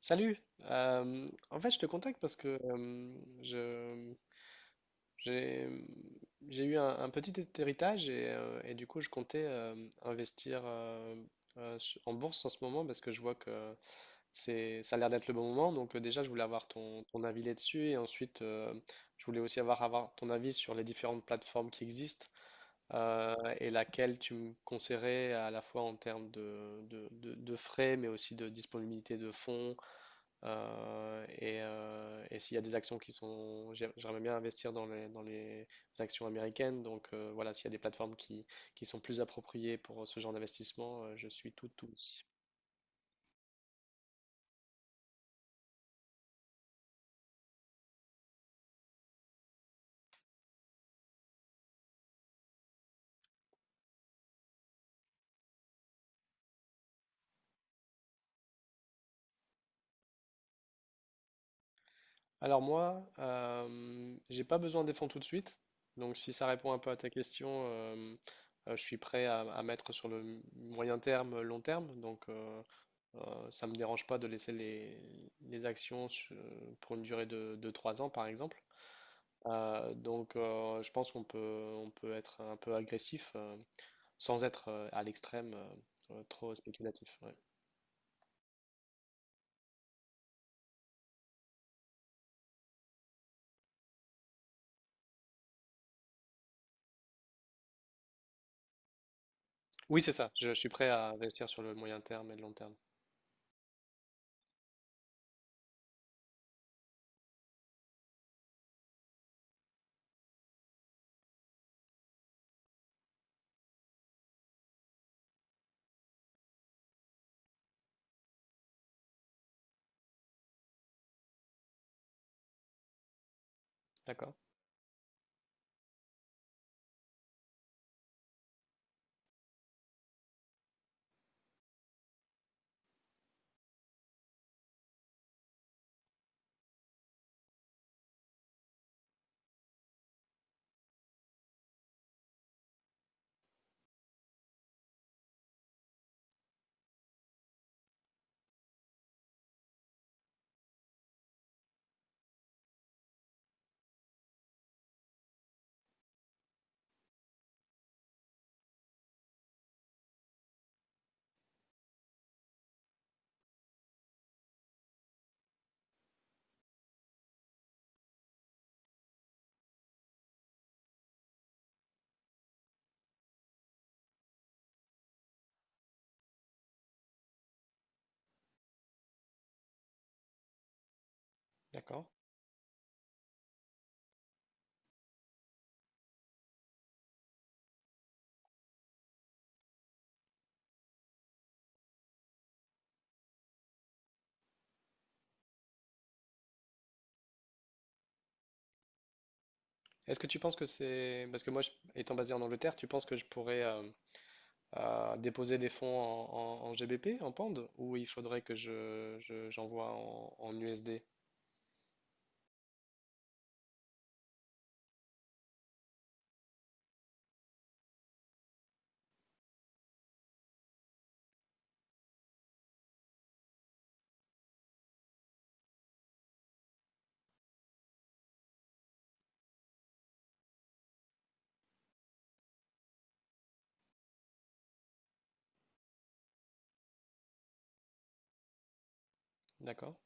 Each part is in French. Salut. Euh, en fait, je te contacte parce que je, j'ai, j'ai eu un petit héritage et du coup, je comptais investir en bourse en ce moment parce que je vois que ça a l'air d'être le bon moment. Donc déjà, je voulais avoir ton avis là-dessus et ensuite, je voulais aussi avoir ton avis sur les différentes plateformes qui existent, euh, et laquelle tu me conseillerais à la fois en termes de frais mais aussi de disponibilité de fonds, et s'il y a des actions qui sont. J'aimerais bien investir dans les actions américaines. Donc voilà, s'il y a des plateformes qui sont plus appropriées pour ce genre d'investissement, je suis tout ouïe. Alors moi, j'ai pas besoin des fonds tout de suite. Donc si ça répond un peu à ta question, je suis prêt à mettre sur le moyen terme, long terme. Donc euh, ça me dérange pas de laisser les actions pour une durée de 3 ans, par exemple. Donc je pense qu'on peut être un peu agressif, sans être à l'extrême, trop spéculatif. Ouais. Oui, c'est ça. Je suis prêt à investir sur le moyen terme et le long terme. D'accord, d'accord. Est-ce que tu penses que c'est. Parce que moi, étant basé en Angleterre, tu penses que je pourrais déposer des fonds en GBP, en pound, ou il faudrait que j'envoie en USD? D'accord.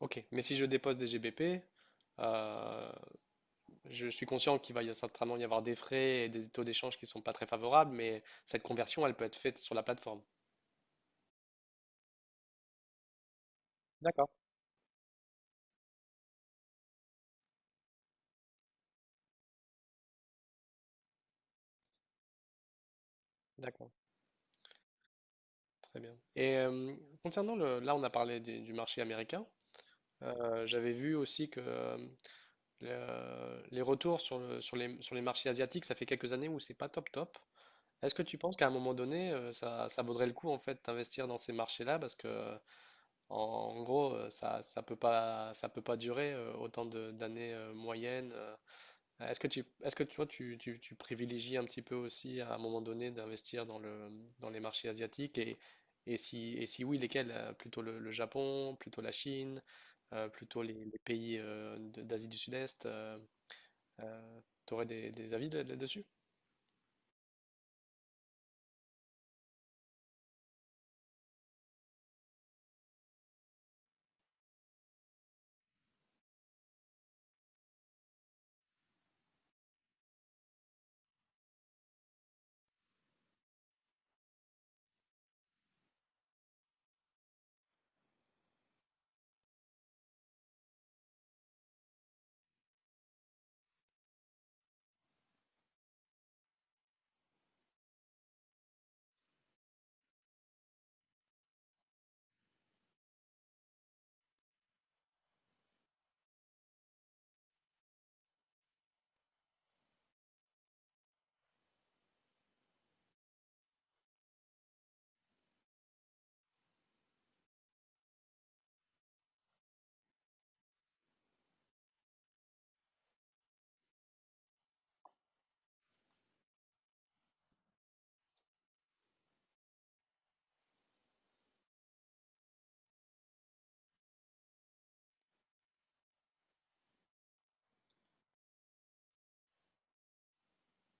Ok. Mais si je dépose des GBP. Je suis conscient qu'il va certainement y avoir des frais et des taux d'échange qui ne sont pas très favorables, mais cette conversion, elle peut être faite sur la plateforme. D'accord, d'accord, très bien. Et concernant là, on a parlé du marché américain. J'avais vu aussi que les retours sur les marchés asiatiques, ça fait quelques années où c'est pas top top. Est-ce que tu penses qu'à un moment donné, ça vaudrait le coup en fait d'investir dans ces marchés-là parce que en gros, ça peut pas durer, autant d'années, moyennes. Est-ce que toi, tu privilégies un petit peu aussi à un moment donné d'investir dans les marchés asiatiques et si oui, lesquels? Plutôt le Japon, plutôt la Chine, plutôt les pays, d'Asie du Sud-Est. Tu aurais des avis là-dessus?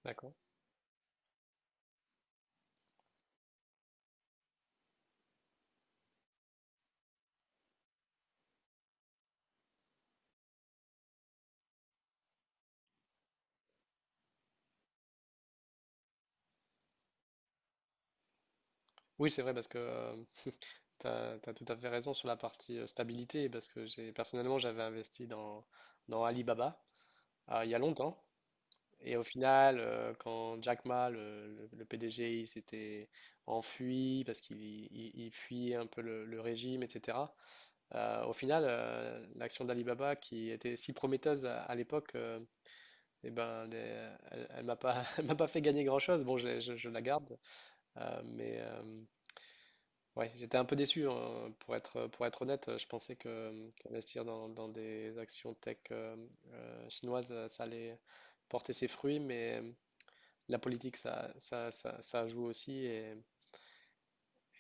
D'accord. Oui, c'est vrai parce que tu as tout à fait raison sur la partie, stabilité parce que j'ai personnellement j'avais investi dans Alibaba, il y a longtemps. Et au final, quand Jack Ma, le PDG, il s'était enfui parce qu'il fuyait un peu le régime, etc. Au final, l'action d'Alibaba, qui était si prometteuse à l'époque, eh ben, elle elle m'a pas, elle m'a pas fait gagner grand-chose. Bon, je la garde, mais ouais, j'étais un peu déçu, hein, pour être honnête. Je pensais que investir dans des actions tech chinoises, ça allait porter ses fruits, mais la politique, ça joue aussi. Et,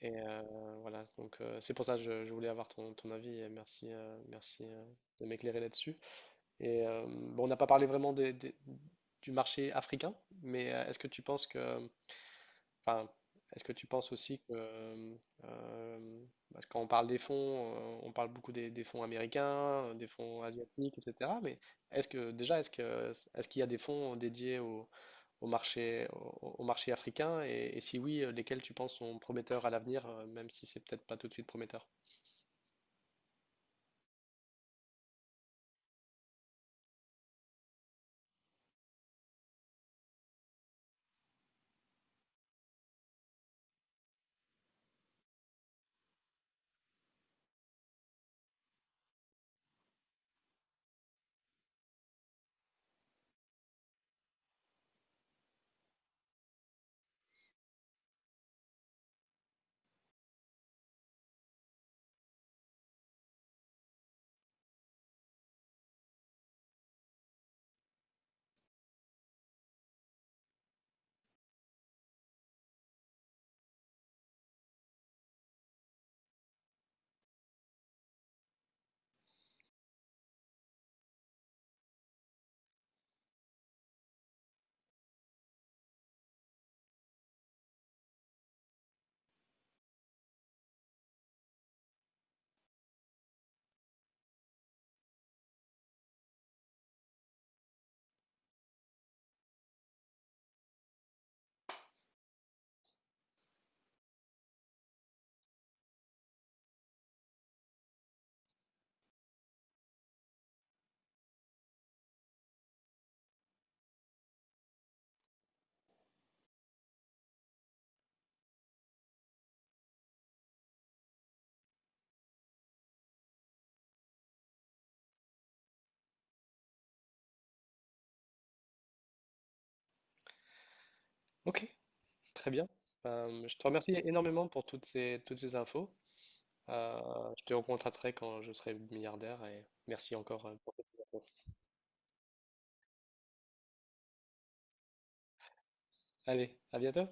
et, euh, voilà, donc euh, c'est pour ça que je voulais avoir ton avis et merci de m'éclairer là-dessus. Et bon, on n'a pas parlé vraiment du marché africain, mais est-ce que tu penses que, enfin, est-ce que tu penses aussi que, euh, parce que quand on parle des fonds, on parle beaucoup des fonds américains, des fonds asiatiques, etc. Mais est-ce que déjà, est-ce qu'il y a des fonds dédiés aux au marché, au, au marché africain? Et si oui, lesquels tu penses sont prometteurs à l'avenir, même si c'est peut-être pas tout de suite prometteur? Ok, très bien. Je te remercie énormément pour toutes ces infos. Je te recontacterai quand je serai milliardaire et merci encore pour toutes ces infos. Allez, à bientôt.